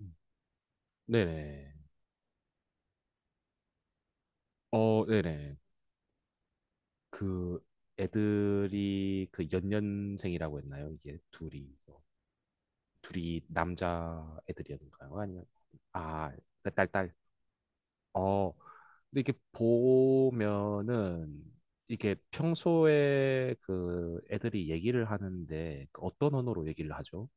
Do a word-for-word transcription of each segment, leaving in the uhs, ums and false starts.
음. 네네. 어, 네네. 그 애들이 그 연년생이라고 했나요? 이게 둘이 어, 둘이 남자 애들이었는가요? 아니면 아, 그 딸, 딸. 어, 근데 이게 렇 보면은 이게 평소에 그 애들이 얘기를 하는데 그 어떤 언어로 얘기를 하죠?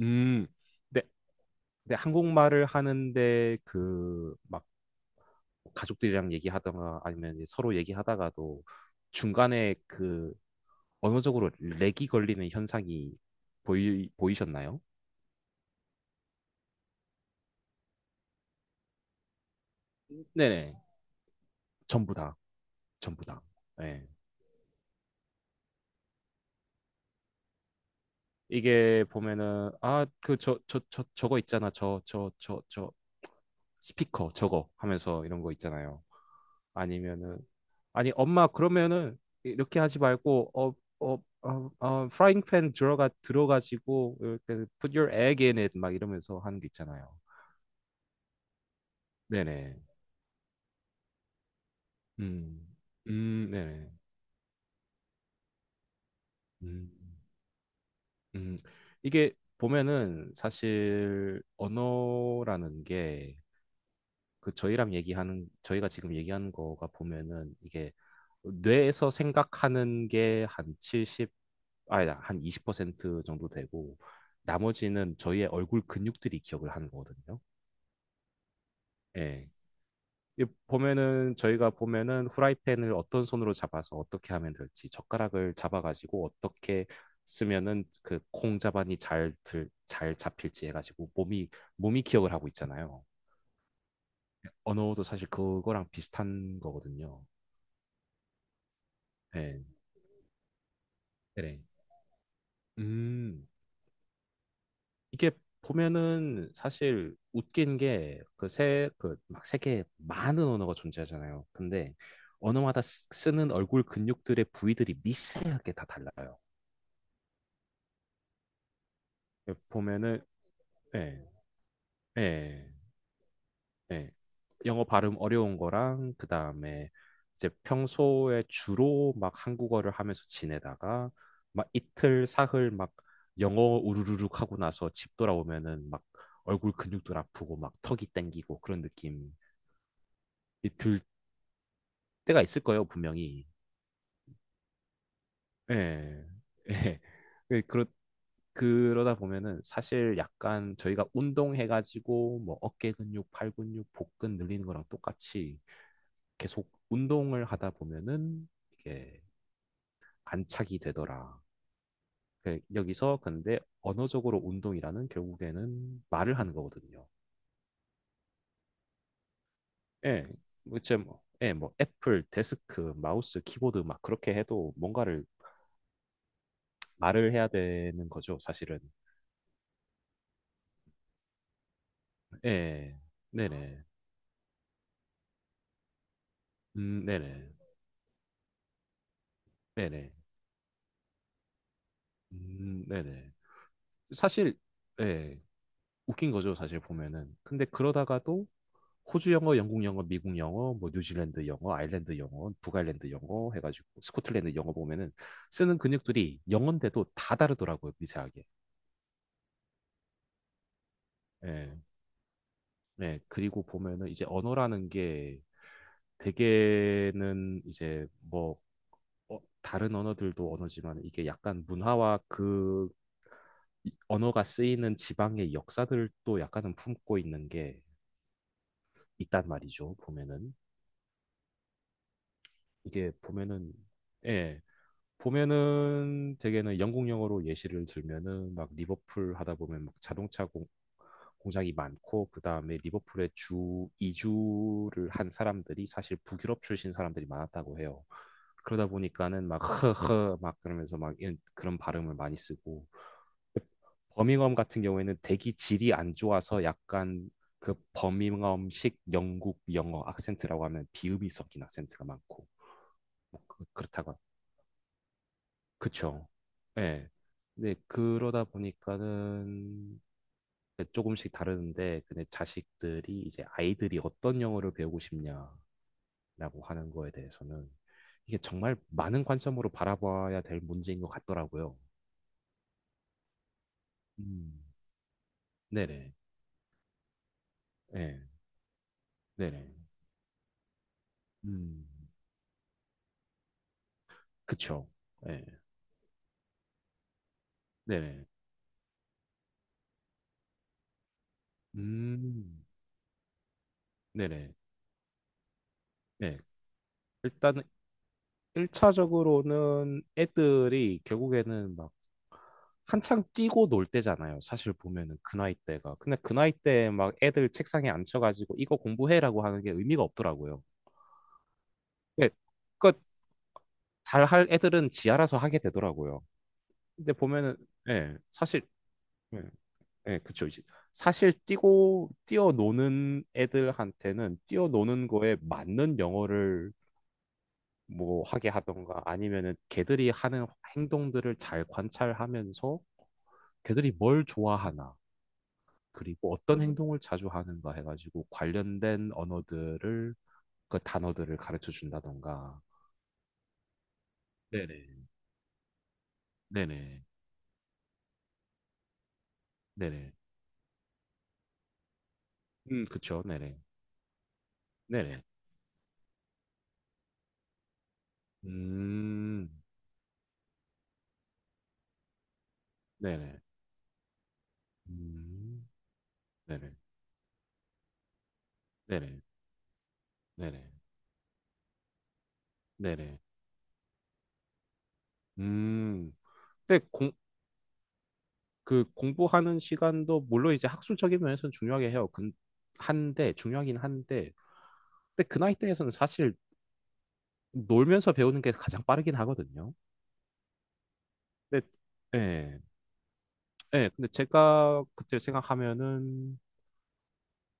음, 네, 네, 한국말을 하는데 그막 가족들이랑 얘기하다가 아니면 이제 서로 얘기하다가도 중간에 그 언어적으로 렉이 걸리는 현상이 보이, 보이셨나요? 네네. 전부 다. 전부 다. 네. 이게 보면은 아, 그 저 저 저 저거 있잖아. 저 저 저 저 스피커 저거 하면서 이런 거 있잖아요. 아니면은 아니 엄마 그러면은 이렇게 하지 말고 어 어 어 어 프라이팬 들어가 들어가지고 이렇게 put your egg in it 막 이러면서 하는 게 있잖아요. 네네. 음, 음, 네네. 음, 음. 이게 보면은 사실 언어라는 게 그 저희랑 얘기하는, 저희가 지금 얘기하는 거가 보면은 이게 뇌에서 생각하는 게 한 칠십, 아니다, 한 이십 퍼센트 정도 되고 나머지는 저희의 얼굴 근육들이 기억을 하는 거거든요. 예. 이 보면은 저희가 보면은 후라이팬을 어떤 손으로 잡아서 어떻게 하면 될지 젓가락을 잡아가지고 어떻게 쓰면은 그 콩자반이 잘 들, 잘 잡힐지 해가지고 몸이 몸이 기억을 하고 있잖아요. 언어도 사실 그거랑 비슷한 거거든요. 네, 네. 음, 이게 보면은 사실 웃긴 게 그 세, 그 막 세계에 많은 언어가 존재하잖아요. 근데 언어마다 쓰- 쓰는 얼굴 근육들의 부위들이 미세하게 다 달라요. 보면은 예, 예, 예. 영어 발음 어려운 거랑 그다음에 이제 평소에 주로 막 한국어를 하면서 지내다가 막 이틀 사흘 막 영어 우르르륵 하고 나서 집 돌아오면은 막 얼굴 근육도 아프고 막 턱이 땡기고 그런 느낌이 들 때가 있을 거예요, 분명히. 예. 예. 그- 그렇 그러다 보면은 사실 약간 저희가 운동해가지고 뭐 어깨 근육, 팔 근육, 복근 늘리는 거랑 똑같이 계속 운동을 하다 보면은 이게 안착이 되더라. 그 여기서 근데 언어적으로 운동이라는 결국에는 말을 하는 거거든요. 예, 뭐 이제 뭐, 예, 뭐 애플, 데스크, 마우스, 키보드 막 그렇게 해도 뭔가를 말을 해야 되는 거죠, 사실은. 예, 네네, 음, 네네. 네네. 음, 네네. 사실, 예, 웃긴 거죠, 사실 보면은. 근데 그러다가도 호주 영어, 영국 영어, 미국 영어, 뭐 뉴질랜드 영어, 아일랜드 영어, 북아일랜드 영어 해가지고 스코틀랜드 영어 보면은 쓰는 근육들이 영어인데도 다 다르더라고요, 미세하게. 예, 예. 그리고 보면은 이제 언어라는 게 대개는 이제 뭐 어, 다른 언어들도 언어지만 이게 약간 문화와 그 이- 언어가 쓰이는 지방의 역사들도 약간은 품고 있는 게 있단 말이죠. 보면은 이게 보면은 예. 보면은 대개는 영국 영어로 예시를 들면은 막 리버풀 하다 보면 막 자동차 공, 공장이 많고 그다음에 리버풀에 주 이주를 한 사람들이 사실 북유럽 출신 사람들이 많았다고 해요. 그러다 보니까는 막 허허 막 그러면서 막 이런 그런 발음을 많이 쓰고 버밍엄 같은 경우에는 대기 질이 안 좋아서 약간 그 버밍엄식 영국 영어 악센트라고 하면 비읍이 섞인 악센트가 많고 뭐 그- 그렇다고 그쵸. 예. 근데 그러다 보니까는 조금씩 다르는데, 근데 자식들이 이제 아이들이 어떤 영어를 배우고 싶냐라고 하는 거에 대해서는 이게 정말 많은 관점으로 바라봐야 될 문제인 것 같더라고요. 음. 네네. 예. 네네. 음. 그쵸. 예. 네네. 음. 네네. 네. 일단 일 차적으로는 애들이 결국에는 막 한창 뛰고 놀 때잖아요. 사실 보면은 그 나이 때가. 근데 그 나이 때 막 애들 책상에 앉혀가지고 이거 공부해라고 하는 게 의미가 없더라고요. 예, 그 잘할 애들은 지 알아서 하게 되더라고요. 근데 보면은 예, 사실 예, 예, 그쵸 이제 사실 뛰고 뛰어노는 애들한테는 뛰어노는 거에 맞는 영어를 뭐 하게 하던가 아니면은 걔들이 하는 행동들을 잘 관찰하면서 걔들이 뭘 좋아하나 그리고 어떤 행동을 자주 하는가 해가지고 관련된 언어들을 그 단어들을 가르쳐 준다던가 네네 네네 네네 음 그쵸 네네 네네 음 네네 음 네네 네네 네네 네네 음 근데 공 그 공부하는 시간도 물론 이제 학술적인 면에서는 중요하게 해요 근 한데 중요하긴 한데 근데 그 나이 대에서는 사실 놀면서 배우는 게 가장 빠르긴 하거든요 근데 예. 네, 근데 제가 그때 생각하면은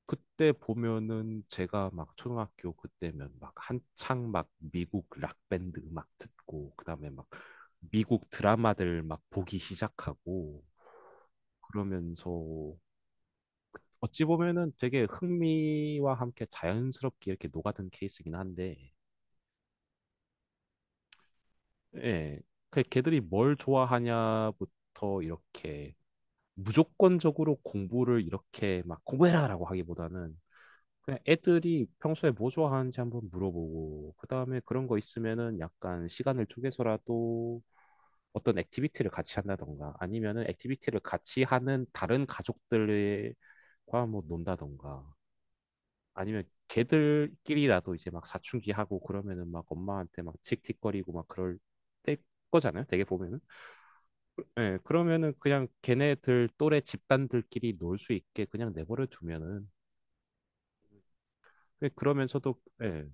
그때 보면은 제가 막 초등학교 그때면 막 한창 막 미국 락밴드 막 듣고 그다음에 막 미국 드라마들 막 보기 시작하고 그러면서 어찌 보면은 되게 흥미와 함께 자연스럽게 이렇게 녹아든 케이스긴 한데 예. 그 걔들이 뭘 좋아하냐부터 이렇게 무조건적으로 공부를 이렇게 막 공부해라라고 하기보다는 그냥 애들이 평소에 뭐 좋아하는지 한번 물어보고, 그 다음에 그런 거 있으면은 약간 시간을 쪼개서라도 어떤 액티비티를 같이 한다던가, 아니면은 액티비티를 같이 하는 다른 가족들과 뭐 논다던가, 아니면 걔들끼리라도 이제 막 사춘기 하고 그러면은 막 엄마한테 막 틱틱거리고 막 그럴 때 거잖아요. 되게 보면은. 예, 그러면은 그냥 걔네들 또래 집단들끼리 놀 수 있게 그냥 내버려 두면은, 예, 그러면서도, 예.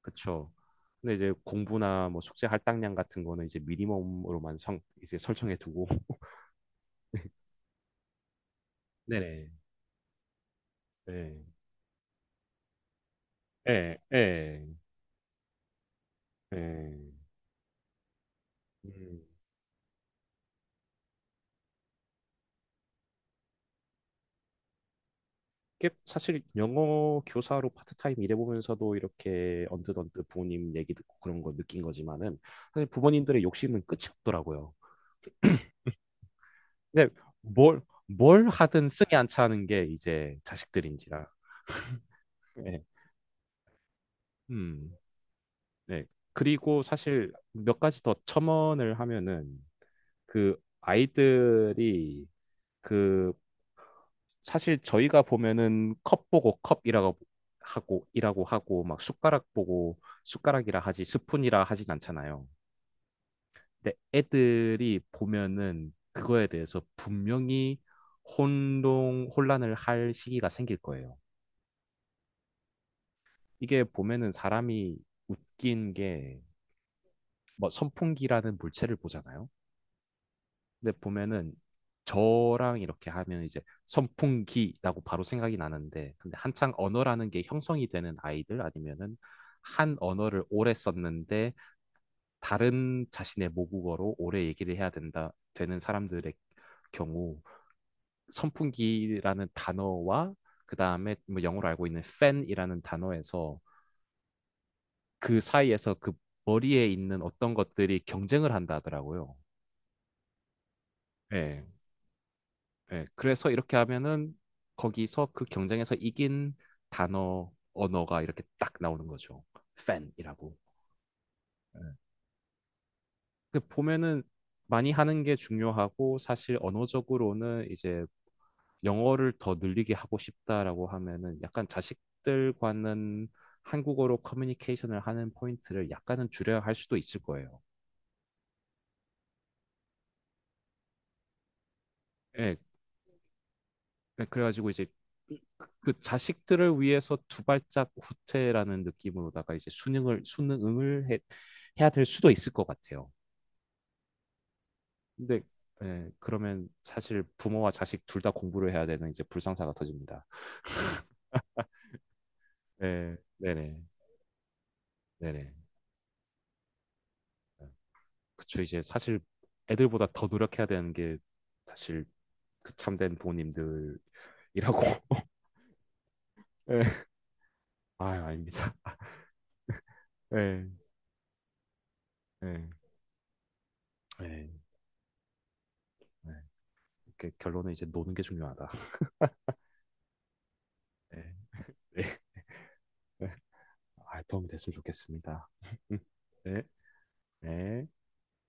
그쵸. 근데 이제 공부나 뭐 숙제 할당량 같은 거는 이제 미니멈으로만 성, 이제 설정해 두고. 네네. 네. 예, 예, 예. 음. 이게 사실 영어 교사로 파트타임 일해보면서도 이렇게 언뜻언뜻 부모님 얘기 듣고 그런 거 느낀 거지만은 사실 부모님들의 욕심은 끝이 없더라고요. 근데 뭘, 뭘 하든 승이 안 차는 게 이제 자식들인지라. 예. 음. 네. 그리고 사실 몇 가지 더 첨언을 하면은 그 아이들이 그 사실 저희가 보면은 컵 보고 컵이라고 하고 이라고 하고 막 숟가락 보고 숟가락이라 하지 스푼이라 하진 않잖아요. 근데 애들이 보면은 그거에 대해서 분명히 혼동 혼란을 할 시기가 생길 거예요. 이게 보면은 사람이 웃긴 게 뭐 선풍기라는 물체를 보잖아요. 근데 보면은 저랑 이렇게 하면 이제 선풍기라고 바로 생각이 나는데 근데 한창 언어라는 게 형성이 되는 아이들 아니면은 한 언어를 오래 썼는데 다른 자신의 모국어로 오래 얘기를 해야 된다 되는 사람들의 경우 선풍기라는 단어와 그 다음에 뭐 영어로 알고 있는 fan이라는 단어에서 그 사이에서 그 머리에 있는 어떤 것들이 경쟁을 한다 하더라고요. 예. 예, 그래서 이렇게 하면은 거기서 그 경쟁에서 이긴 단어, 언어가 이렇게 딱 나오는 거죠. 팬이라고. 예. 그 보면은 많이 하는 게 중요하고 사실 언어적으로는 이제 영어를 더 늘리게 하고 싶다라고 하면은 약간 자식들과는 한국어로 커뮤니케이션을 하는 포인트를 약간은 줄여야 할 수도 있을 거예요. 예, 네, 그래가지고 이제 그- 그 자식들을 위해서 두 발짝 후퇴라는 느낌으로다가 이제 수능을 수능을 해, 해야 될 수도 있을 것 같아요. 근데 예, 그러면 사실 부모와 자식 둘 다 공부를 해야 되는 이제 불상사가 터집니다. 네, 네네, 네네. 그쵸 이제 사실 애들보다 더 노력해야 되는 게 사실 그 참된 부모님들이라고. 예. 아유 아닙니다. 예, 예, 예, 예. 이렇게 결론은 이제 노는 게 중요하다. 예, 예. 아, 도움이 됐으면 좋겠습니다. 네. 네.